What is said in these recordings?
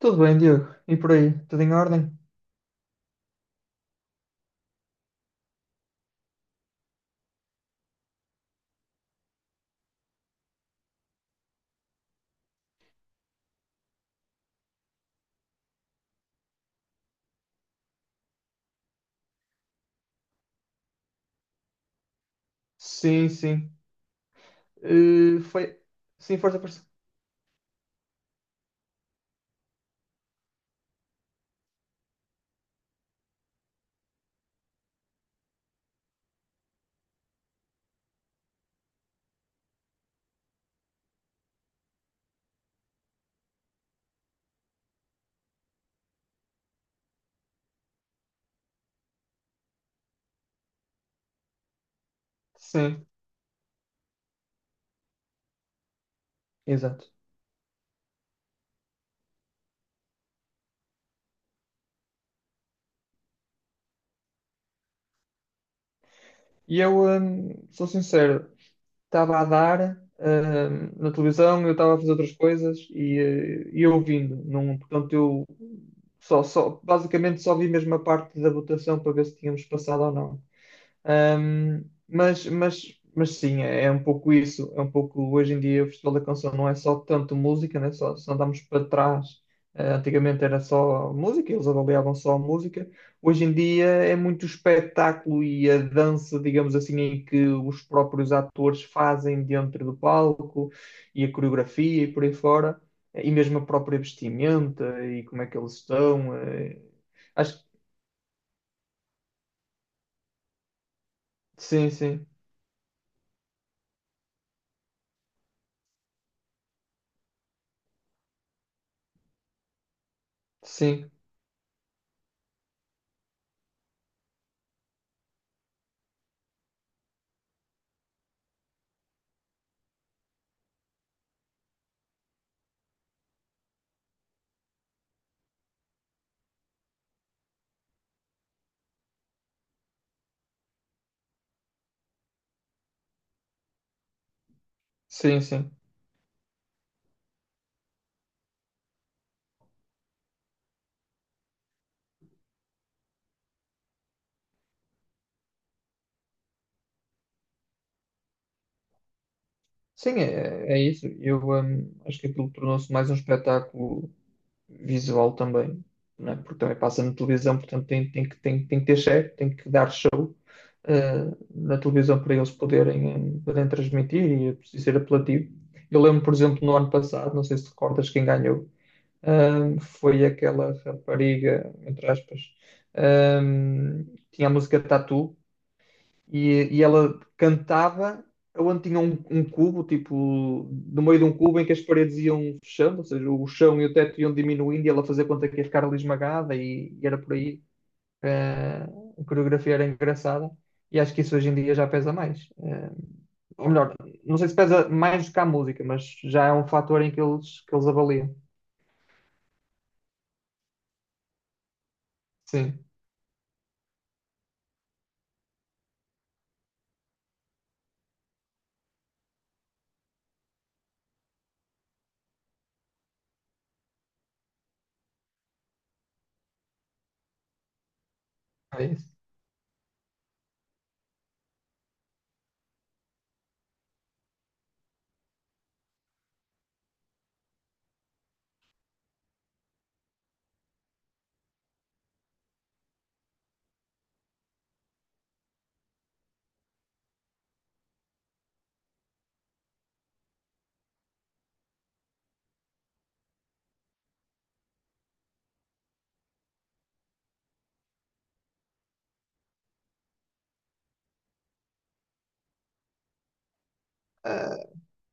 Tudo bem, Diogo? E por aí? Tudo em ordem? Sim, sim. Foi. Sim, força, força. Sim, exato. E eu, sou sincero, estava a dar, na televisão, eu estava a fazer outras coisas e ouvindo. Não, portanto, eu basicamente só vi mesmo a parte da votação para ver se tínhamos passado ou não. Mas sim, é um pouco isso. É um pouco hoje em dia o Festival da Canção não é só tanto música, né? Só, se andarmos para trás. Antigamente era só música, eles avaliavam só a música. Hoje em dia é muito o espetáculo e a dança, digamos assim, em que os próprios atores fazem dentro do palco e a coreografia e por aí fora, e mesmo a própria vestimenta e como é que eles estão. Acho que sim, sim, sim, sim, sim. Sim, é isso. Eu, acho que aquilo tornou-se mais um espetáculo visual também, né? Porque também passa na televisão, portanto tem que ter chefe, tem que dar show, eh, na televisão para eles poderem, poderem transmitir e é preciso ser apelativo. Eu lembro, por exemplo, no ano passado, não sei se recordas quem ganhou, foi aquela rapariga, entre aspas, hum, que tinha a música Tatu e ela cantava onde tinha um cubo, tipo, no meio de um cubo em que as paredes iam fechando, ou seja, o chão e o teto iam diminuindo e ela fazia conta que ia ficar ali esmagada e era por aí. Eh, a coreografia era engraçada e acho que isso hoje em dia já pesa mais. Ou melhor, não sei se pesa mais do que a música, mas já é um fator em que que eles avaliam. Sim, é isso.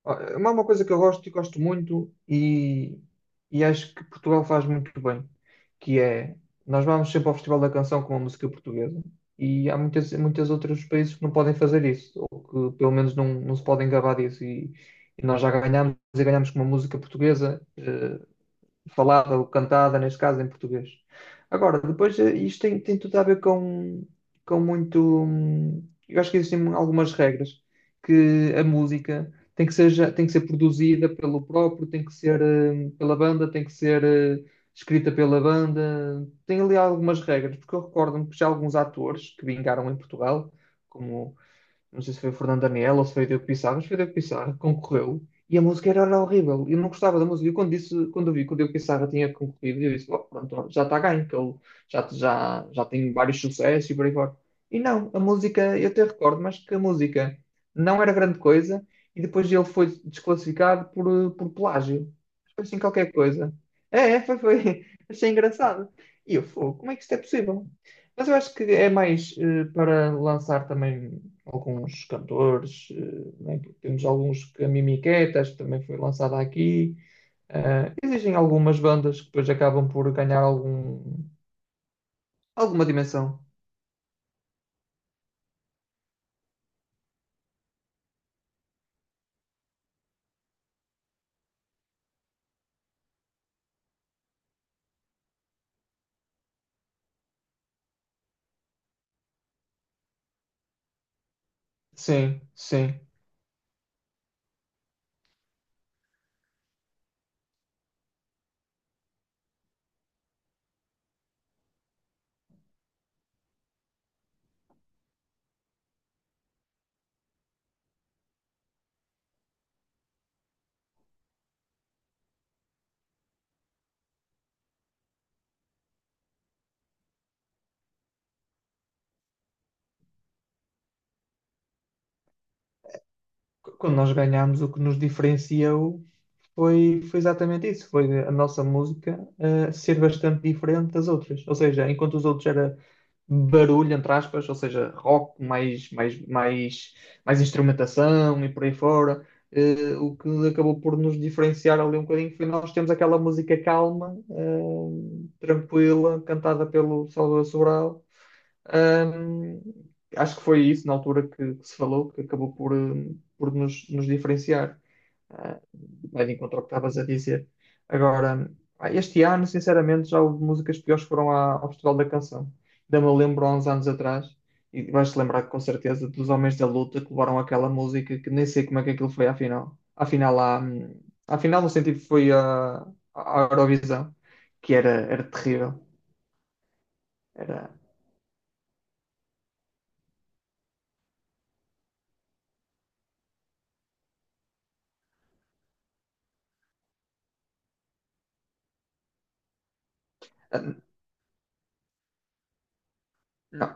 Ó, é uma coisa que eu gosto e gosto muito e acho que Portugal faz muito bem, que é, nós vamos sempre ao Festival da Canção com a música portuguesa e há muitas, outros países que não podem fazer isso, ou que pelo menos não se podem gabar disso e nós já ganhamos e ganhamos com uma música portuguesa, falada ou cantada, neste caso, em português. Agora, depois, isto tem tudo a ver com muito. Eu acho que existem algumas regras que a música tem que ser produzida pelo próprio, tem que ser pela banda, tem que ser escrita pela banda. Tem ali algumas regras, porque eu recordo-me que já alguns atores que vingaram em Portugal, como não sei se foi o Fernando Daniel ou se foi o Diogo Pissarro, mas foi o Diogo Pissarro concorreu e a música era horrível. Eu não gostava da música. E quando, disse, quando eu vi que o Diogo Pissarro tinha concorrido, eu disse: "Bom, pronto, já está ganho, que ele já tem vários sucessos e por aí fora." E não, a música, eu até recordo, mas que a música não era grande coisa e depois ele foi desclassificado por plágio. Foi assim qualquer coisa. É, é, foi, foi. Achei engraçado. E eu, "Fogo, como é que isto é possível?" Mas eu acho que é mais para lançar também alguns cantores, né? Temos alguns que a mimiqueta Mimiquetas também foi lançada aqui. Existem algumas bandas que depois acabam por ganhar alguma dimensão. Sim, sim. Quando nós ganhamos, o que nos diferencia foi exatamente isso, foi a nossa música ser bastante diferente das outras. Ou seja, enquanto os outros era barulho, entre aspas, ou seja, rock, mais instrumentação e por aí fora, o que acabou por nos diferenciar ali um bocadinho foi nós temos aquela música calma, tranquila, cantada pelo Salvador Sobral. Ahm, acho que foi isso na altura que se falou, que acabou por nos diferenciar. Ah, vai de encontro ao que estavas a dizer. Agora, este ano, sinceramente, já houve músicas piores que foram ao Festival da Canção. Ainda me lembro há uns anos atrás, e vais-te lembrar com certeza dos Homens da Luta que levaram aquela música que nem sei como é que aquilo foi à final. Afinal, à final, no sentido que foi à Eurovisão, que era terrível. Era, ah, não,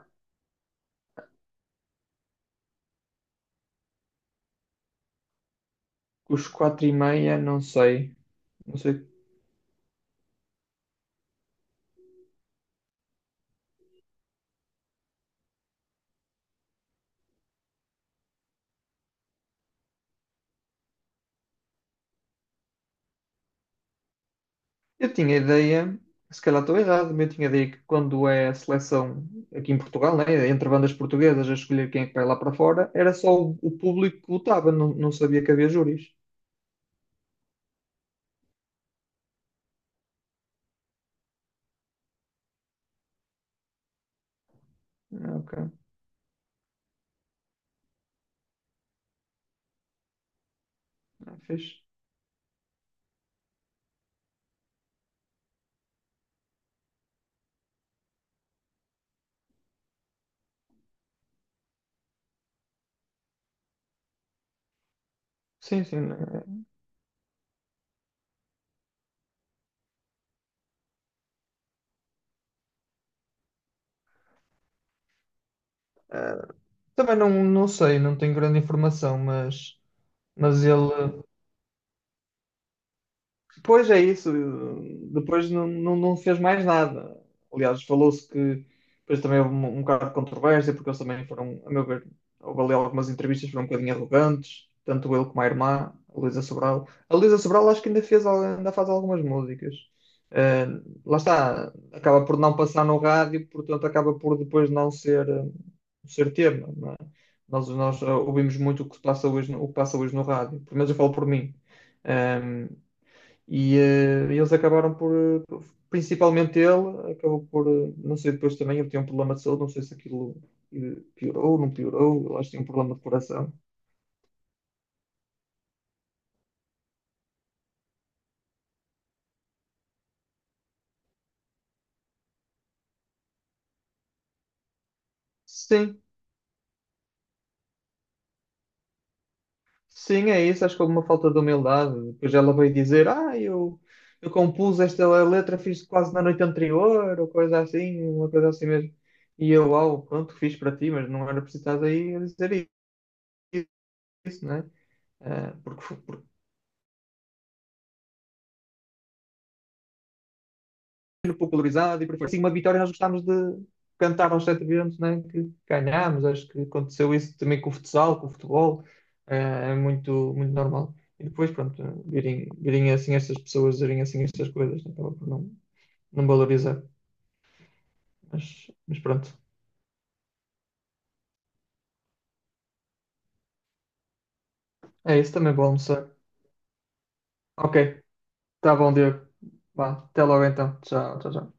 os quatro e meia, não sei. Não sei. Eu tinha ideia, se calhar estou errado, mas eu tinha ideia que quando é a seleção aqui em Portugal, né, entre bandas portuguesas a escolher quem é que vai lá para fora, era só o público que votava, não sabia que havia júris. Ah, ok. Ah, fixe. Sim, sim, né. Ah, também não sei, não tenho grande informação, mas ele. Pois é isso. Depois não fez mais nada. Aliás, falou-se que depois também houve um bocado de controvérsia, porque eles também foram, a meu ver, houve ali algumas entrevistas que foram um bocadinho arrogantes, tanto ele como a irmã, a Luísa Sobral. A Luísa Sobral acho que ainda faz algumas músicas. Lá está, acaba por não passar no rádio, portanto acaba por depois não ser tema. Não é? Nós ouvimos muito o que passa hoje, o que passa hoje no rádio, pelo menos eu falo por mim. Um, e eles acabaram por, principalmente ele, acabou por, não sei, depois também ele tinha um problema de saúde, não sei se aquilo piorou, não piorou, eu acho que tinha um problema de coração. Sim, sim, é isso, acho que houve uma falta de humildade. Depois ela veio dizer, ah, eu, compus esta letra, fiz quase na noite anterior, ou coisa assim, uma coisa assim mesmo. E eu, uau, pronto, fiz para ti, mas não era preciso estar aí a dizer isso, né? Porque, popularizado e por aí fora. Sim, uma vitória nós gostámos de cantar aos sete ventos, né? Que ganhámos, acho que aconteceu isso também com o futsal, com o futebol, é muito, muito normal. E depois, pronto, virem, virem assim estas pessoas, virem assim estas coisas, né? Acaba por não valorizar. Mas pronto, é isso também, vou almoçar. Ok, tá bom, Diego. Vá, até logo então. Tchau, tchau, tchau.